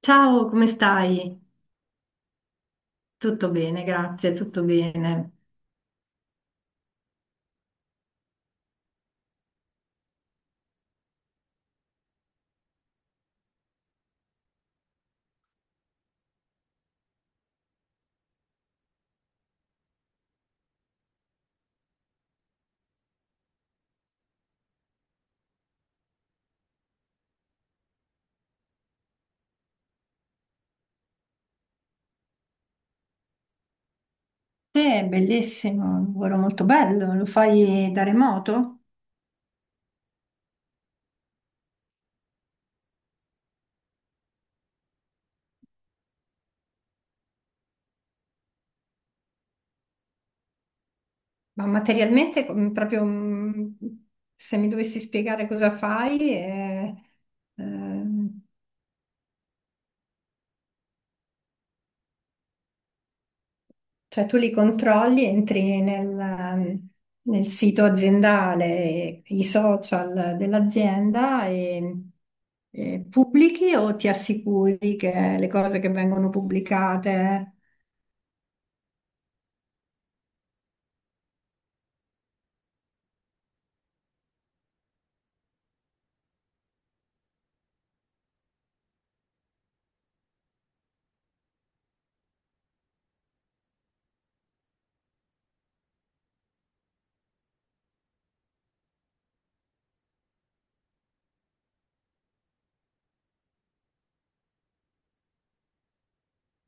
Ciao, come stai? Tutto bene, grazie, tutto bene. Sì, bellissimo, un lavoro molto bello, lo fai da remoto? Ma materialmente, proprio se mi dovessi spiegare cosa fai, ehm, cioè tu li controlli, entri nel sito aziendale, i social dell'azienda e pubblichi o ti assicuri che le cose che vengono pubblicate,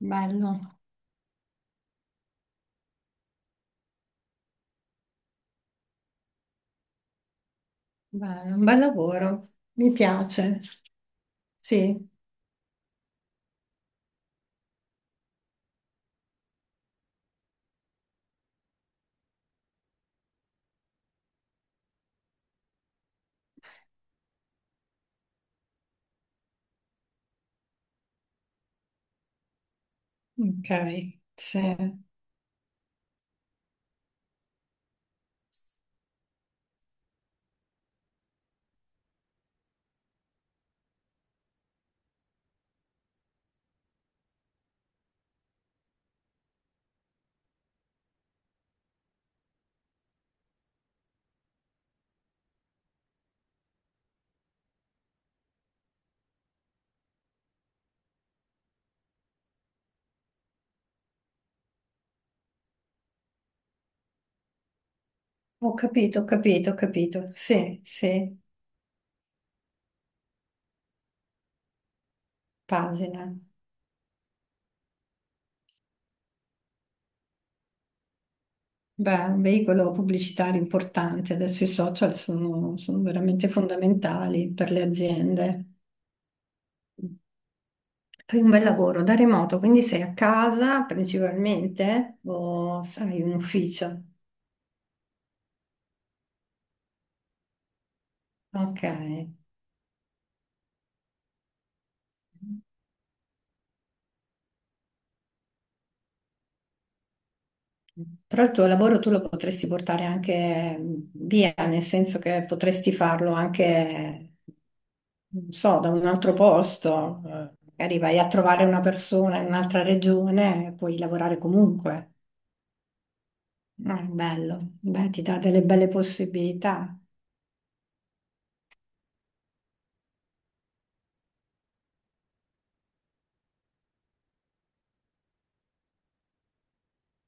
bello. Beh, un bel lavoro, mi piace. Sì, ok, sì. Ho capito, ho capito, ho capito. Sì, sì, pagina. Beh, un veicolo pubblicitario importante. Adesso i social sono veramente fondamentali per le aziende. Fai un bel lavoro da remoto, quindi sei a casa principalmente o hai un ufficio? Ok. Però il tuo lavoro tu lo potresti portare anche via, nel senso che potresti farlo anche, non so, da un altro posto. Magari vai a trovare una persona in un'altra regione e puoi lavorare comunque. No, è bello. Beh, ti dà delle belle possibilità.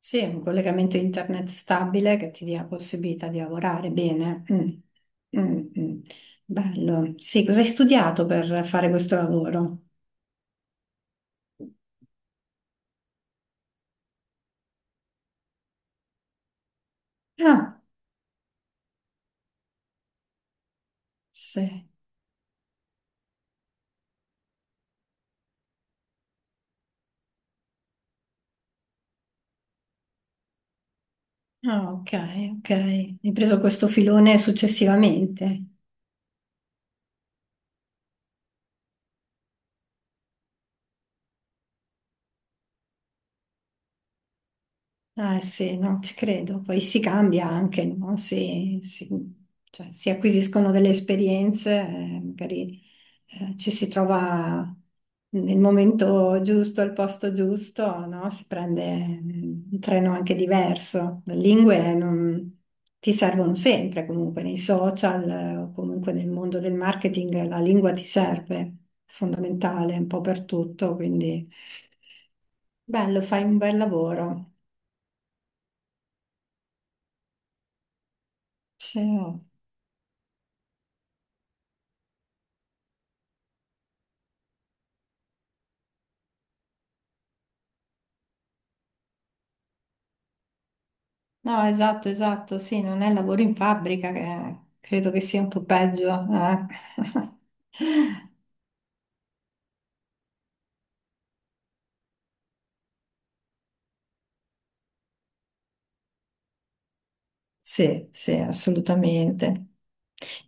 Sì, un collegamento internet stabile che ti dia la possibilità di lavorare bene. Mm. Mm, mm. Bello. Sì, cosa hai studiato per fare questo lavoro? Ah, sì. Ah, ok, ok. Hai preso questo filone successivamente. Ah, sì, no, ci credo. Poi si cambia anche, no? Cioè, si acquisiscono delle esperienze, magari ci si trova nel momento giusto, al posto giusto, no? Si prende un treno anche diverso. Le lingue ti servono sempre, comunque nei social, o comunque nel mondo del marketing, la lingua ti serve, è fondamentale un po' per tutto, quindi bello, fai un bel lavoro. Sì. Oh. No, esatto, esatto, sì, non è lavoro in fabbrica che credo che sia un po' peggio. Eh. Sì, sì, assolutamente.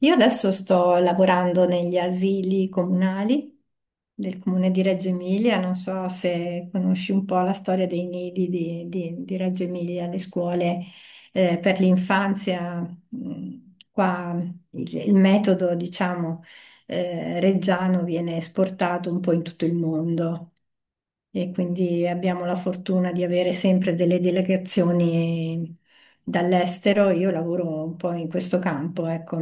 Io adesso sto lavorando negli asili comunali del comune di Reggio Emilia, non so se conosci un po' la storia dei nidi di Reggio Emilia, le scuole per l'infanzia, mh, qua il metodo, diciamo, reggiano viene esportato un po' in tutto il mondo e quindi abbiamo la fortuna di avere sempre delle delegazioni dall'estero. Io lavoro un po' in questo campo, ecco.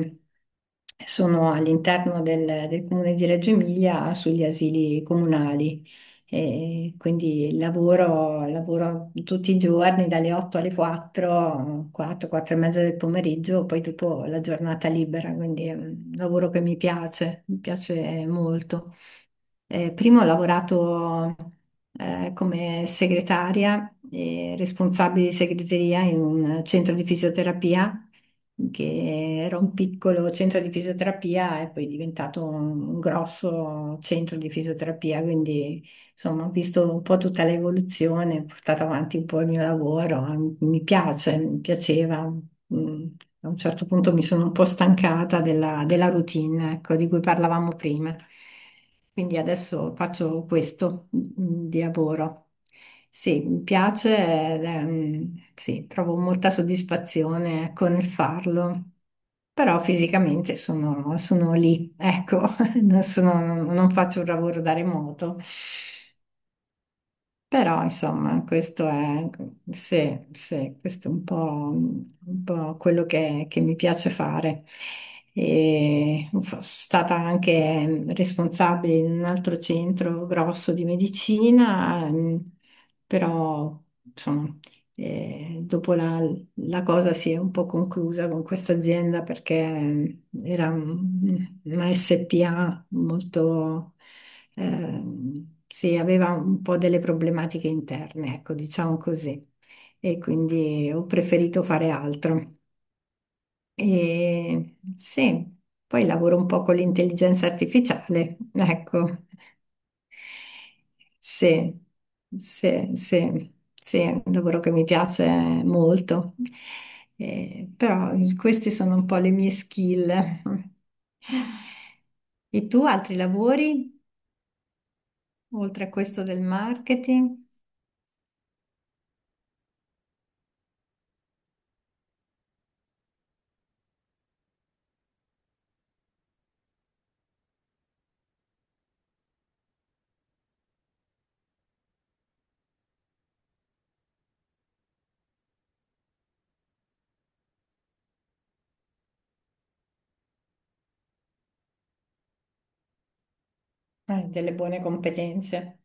Sono all'interno del comune di Reggio Emilia sugli asili comunali. E quindi lavoro tutti i giorni dalle 8 alle 4, 4, 4 e mezza del pomeriggio, poi dopo la giornata libera, quindi è un lavoro che mi piace molto. Prima ho lavorato come segretaria e responsabile di segreteria in un centro di fisioterapia, che era un piccolo centro di fisioterapia e poi è diventato un grosso centro di fisioterapia, quindi insomma ho visto un po' tutta l'evoluzione, ho portato avanti un po' il mio lavoro, mi piace, mi piaceva. Mm, A un certo punto mi sono un po' stancata della routine, ecco, di cui parlavamo prima. Quindi adesso faccio questo di lavoro. Sì, mi piace, ed, sì, trovo molta soddisfazione con il farlo, però fisicamente sono lì, ecco, non faccio un lavoro da remoto. Però, insomma, questo è, sì, sì, questo è un po' quello che mi piace fare. E sono stata anche responsabile in un altro centro grosso di medicina, però, insomma, dopo la cosa si è un po' conclusa con questa azienda perché era una SPA molto, sì, aveva un po' delle problematiche interne, ecco, diciamo così. E quindi ho preferito fare altro. E sì, poi lavoro un po' con l'intelligenza artificiale, ecco, sì, sì, sì, sì, è un lavoro che mi piace molto. Però queste sono un po' le mie skill. E tu altri lavori oltre a questo del marketing? Delle buone competenze.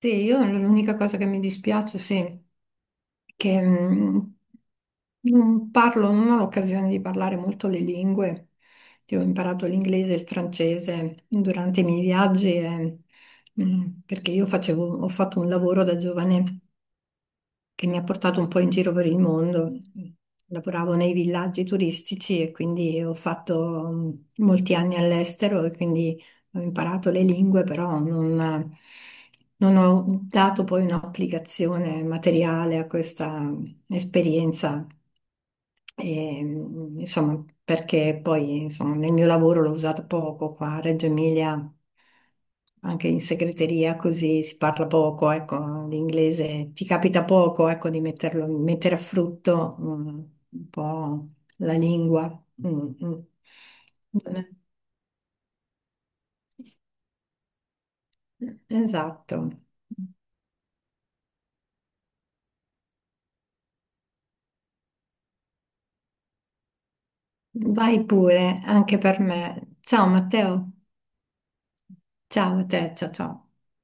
Sì, io l'unica cosa che mi dispiace, sì, è che non parlo, non ho l'occasione di parlare molto le lingue. Io ho imparato l'inglese e il francese durante i miei viaggi e, perché io facevo, ho fatto un lavoro da giovane che mi ha portato un po' in giro per il mondo. Lavoravo nei villaggi turistici e quindi ho fatto molti anni all'estero e quindi ho imparato le lingue, però non ho dato poi un'applicazione materiale a questa esperienza. E, insomma, perché poi insomma, nel mio lavoro l'ho usato poco qua a Reggio Emilia, anche in segreteria, così si parla poco, ecco, l'inglese ti capita poco, ecco, di metterlo, mettere a frutto un po' la lingua. Mm, mm. Non è- Esatto. Vai pure, anche per me. Ciao Matteo. Ciao a te, ciao ciao.